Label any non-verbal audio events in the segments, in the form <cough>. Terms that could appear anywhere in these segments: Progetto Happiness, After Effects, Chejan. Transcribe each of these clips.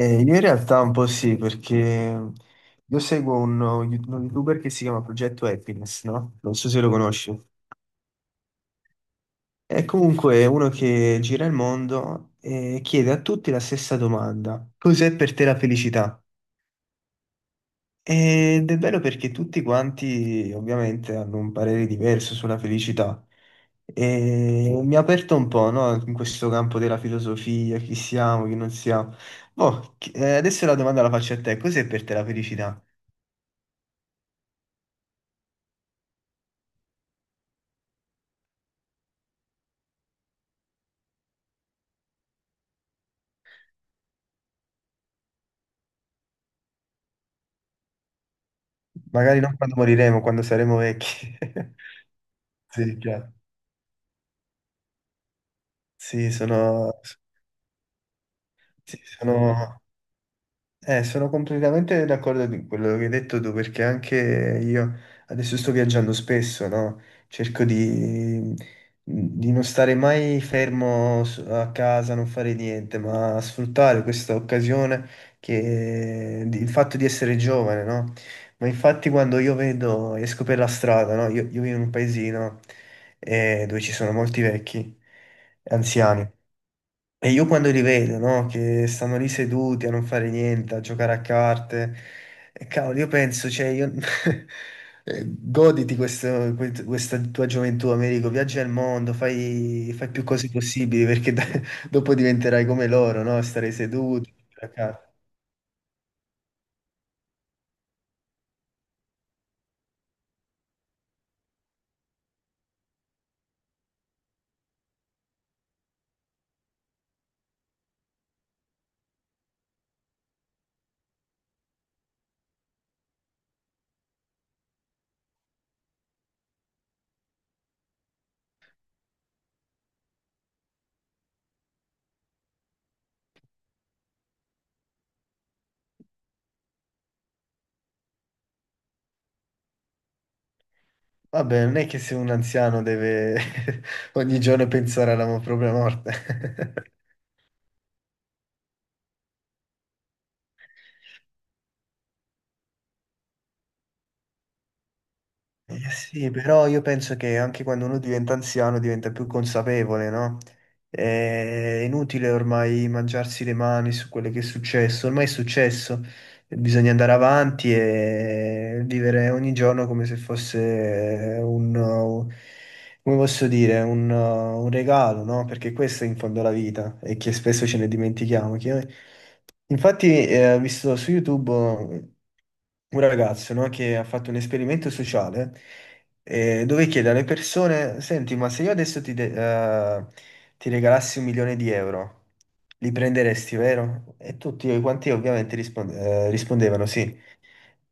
Io in realtà un po' sì, perché io seguo uno youtuber che si chiama Progetto Happiness, no? Non so se lo conosci. È comunque uno che gira il mondo e chiede a tutti la stessa domanda. Cos'è per te la felicità? Ed è bello perché tutti quanti ovviamente hanno un parere diverso sulla felicità. E mi ha aperto un po', no? In questo campo della filosofia, chi siamo, chi non siamo. Boh, adesso la domanda la faccio a te. Cos'è per te la felicità? Magari non quando moriremo, quando saremo vecchi. <laughs> Sì, chiaro. Sì, sono, sì, sono sono completamente d'accordo con quello che hai detto tu, perché anche io adesso sto viaggiando spesso, no? Cerco di non stare mai fermo a casa, non fare niente, ma sfruttare questa occasione il fatto di essere giovane, no? Ma infatti quando io vedo, esco per la strada, no? Io vivo in un paesino dove ci sono molti vecchi, anziani. E io quando li vedo, no, che stanno lì seduti a non fare niente, a giocare a carte, e cavolo, io penso, cioè, io... <laughs> goditi questa tua gioventù, Americo, viaggia al mondo, fai più cose possibili, perché <laughs> dopo diventerai come loro, no? Stare seduti, giocare a carte. Vabbè, non è che se un anziano deve <laughs> ogni giorno pensare alla propria morte. <laughs> Sì, però io penso che anche quando uno diventa anziano diventa più consapevole, no? È inutile ormai mangiarsi le mani su quello che è successo, ormai è successo, bisogna andare avanti e vivere ogni giorno come se fosse come posso dire, un regalo, no? Perché questo è in fondo la vita e che spesso ce ne dimentichiamo, che Infatti, ho visto su YouTube un ragazzo, no, che ha fatto un esperimento sociale dove chiede alle persone: Senti, ma se io adesso eh, ti regalassi un milione di euro, li prenderesti, vero? E tutti quanti ovviamente rispondevano sì.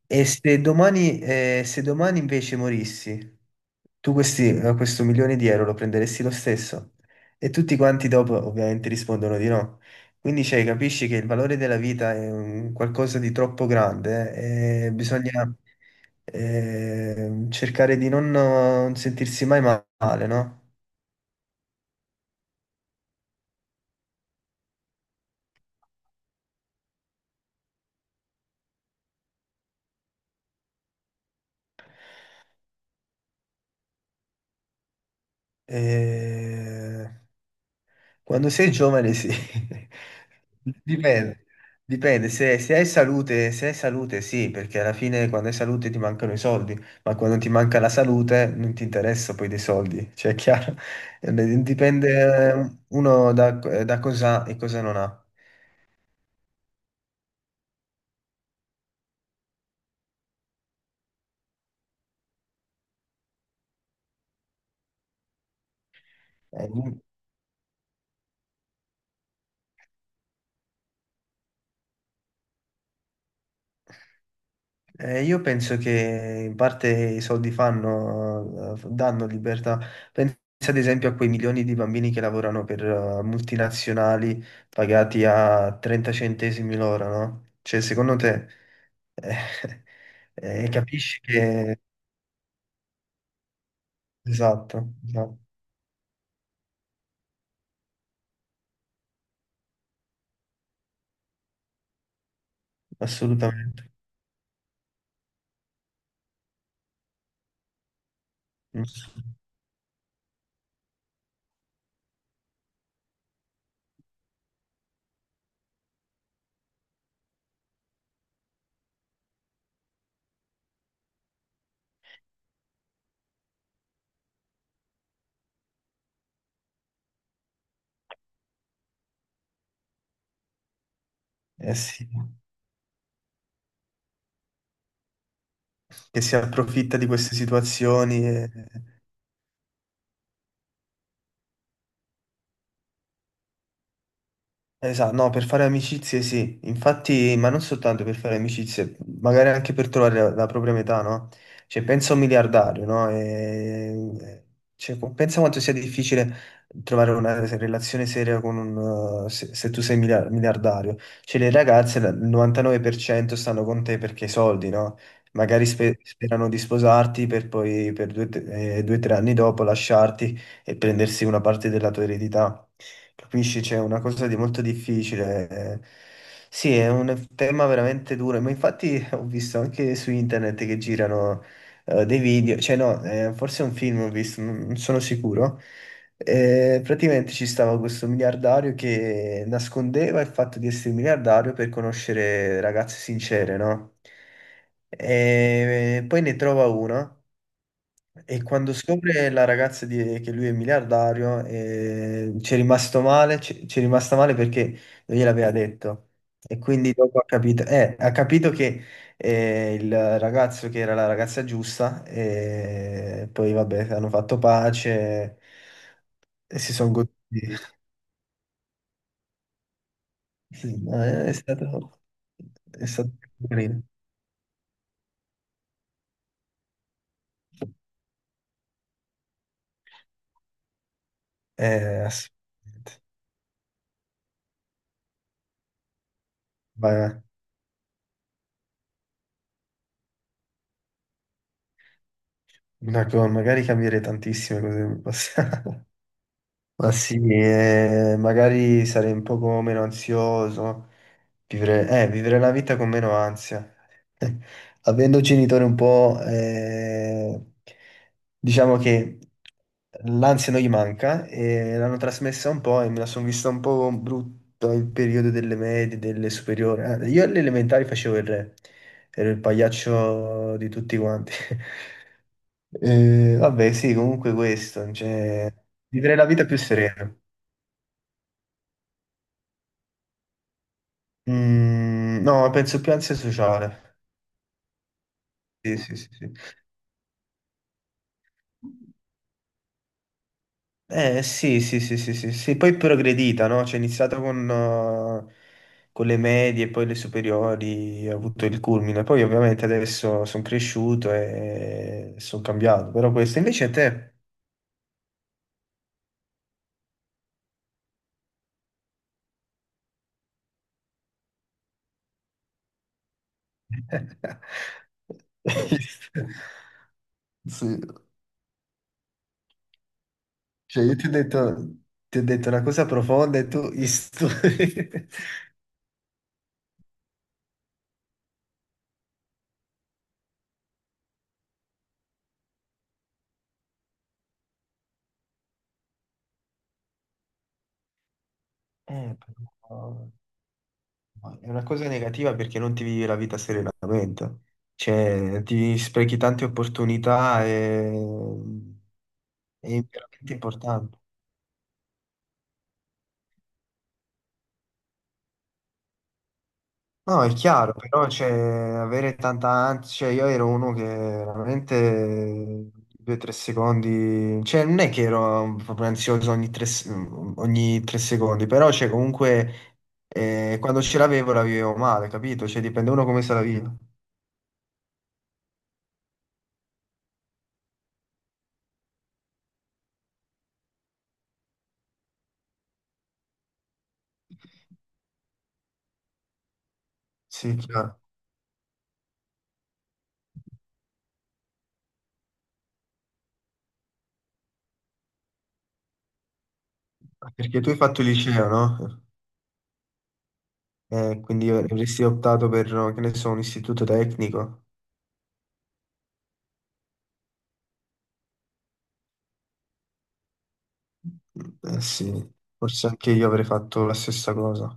E se domani, se domani invece morissi? Tu questo milione di euro lo prenderesti lo stesso? E tutti quanti dopo ovviamente rispondono di no. Quindi cioè, capisci che il valore della vita è un qualcosa di troppo grande e bisogna cercare di non sentirsi mai male, no? E Quando sei giovane, sì. <laughs> Dipende, dipende. Se hai salute, se hai salute, sì, perché alla fine quando hai salute ti mancano i soldi, ma quando ti manca la salute non ti interessa poi dei soldi, <laughs> cioè è chiaro. <laughs> Eh, Dipende uno da cosa ha e cosa non ha. Eh, io penso che in parte i soldi fanno, danno libertà. Pensa ad esempio a quei milioni di bambini che lavorano per multinazionali pagati a 30 centesimi l'ora, no? Cioè, secondo te, eh, <laughs> capisci che... Esatto, esatto, assolutamente. Eh sì, che si approfitta di queste situazioni. Esatto, no, per fare amicizie sì, infatti, ma non soltanto per fare amicizie, magari anche per trovare la propria metà, no? Cioè, pensa a un miliardario, no? Cioè, pensa quanto sia difficile trovare una relazione seria con un, se, se tu sei miliardario. Cioè, il 99% stanno con te perché i soldi, no? Magari sperano di sposarti per poi, per due o tre anni dopo, lasciarti e prendersi una parte della tua eredità. Capisci? C'è una cosa di molto difficile. Sì, è un tema veramente duro, ma infatti <laughs> ho visto anche su internet che girano dei video, cioè no, forse è un film ho visto, non sono sicuro. Praticamente ci stava questo miliardario che nascondeva il fatto di essere miliardario per conoscere ragazze sincere, no? E poi ne trova una e quando scopre che lui è miliardario, ci è rimasta male perché non gliel'aveva detto. E quindi dopo ha capito che il ragazzo che era la ragazza giusta, e poi vabbè, hanno fatto pace e si sono goduti. <laughs> Sì, no, è stato carino. Assolutamente. Ma, ma che magari cambiare tantissime cose nel passato. Ma sì, magari sarei un poco meno ansioso, vivere la vita con meno ansia. <laughs> Avendo genitori un po', diciamo che l'ansia non gli manca e l'hanno trasmessa un po' e me la sono vista un po' brutta il periodo delle medie, delle superiori. Ah, io alle elementari facevo il re, ero il pagliaccio di tutti quanti. <laughs> Vabbè, sì, comunque questo, cioè, vivere la vita più serena. No, penso più ansia sociale. Sì, sì, sì, sì. Eh sì, sì, sì, sì, sì, sì. Poi è progredita, no? Cioè, è iniziato con le medie, poi le superiori, ha avuto il culmine. Poi ovviamente adesso sono cresciuto e sono cambiato. Però questo invece a te... <laughs> Sì. Cioè, io ti ho detto una cosa profonda e tu... gli studi. <laughs> Eh, però- Ma è una cosa negativa perché non ti vivi la vita serenamente, cioè ti sprechi tante opportunità e... è veramente importante. No, è chiaro, però cioè, avere tanta ansia, cioè, io ero uno che veramente due o tre secondi, cioè non è che ero proprio ansioso ogni ogni tre secondi, però cioè, comunque quando ce l'avevo la vivevo male, capito? Cioè dipende uno come se la vive. Sì, chiaro. Perché tu hai fatto il liceo, no? Quindi avresti optato per, che ne so, un istituto tecnico? Eh sì, forse anche io avrei fatto la stessa cosa.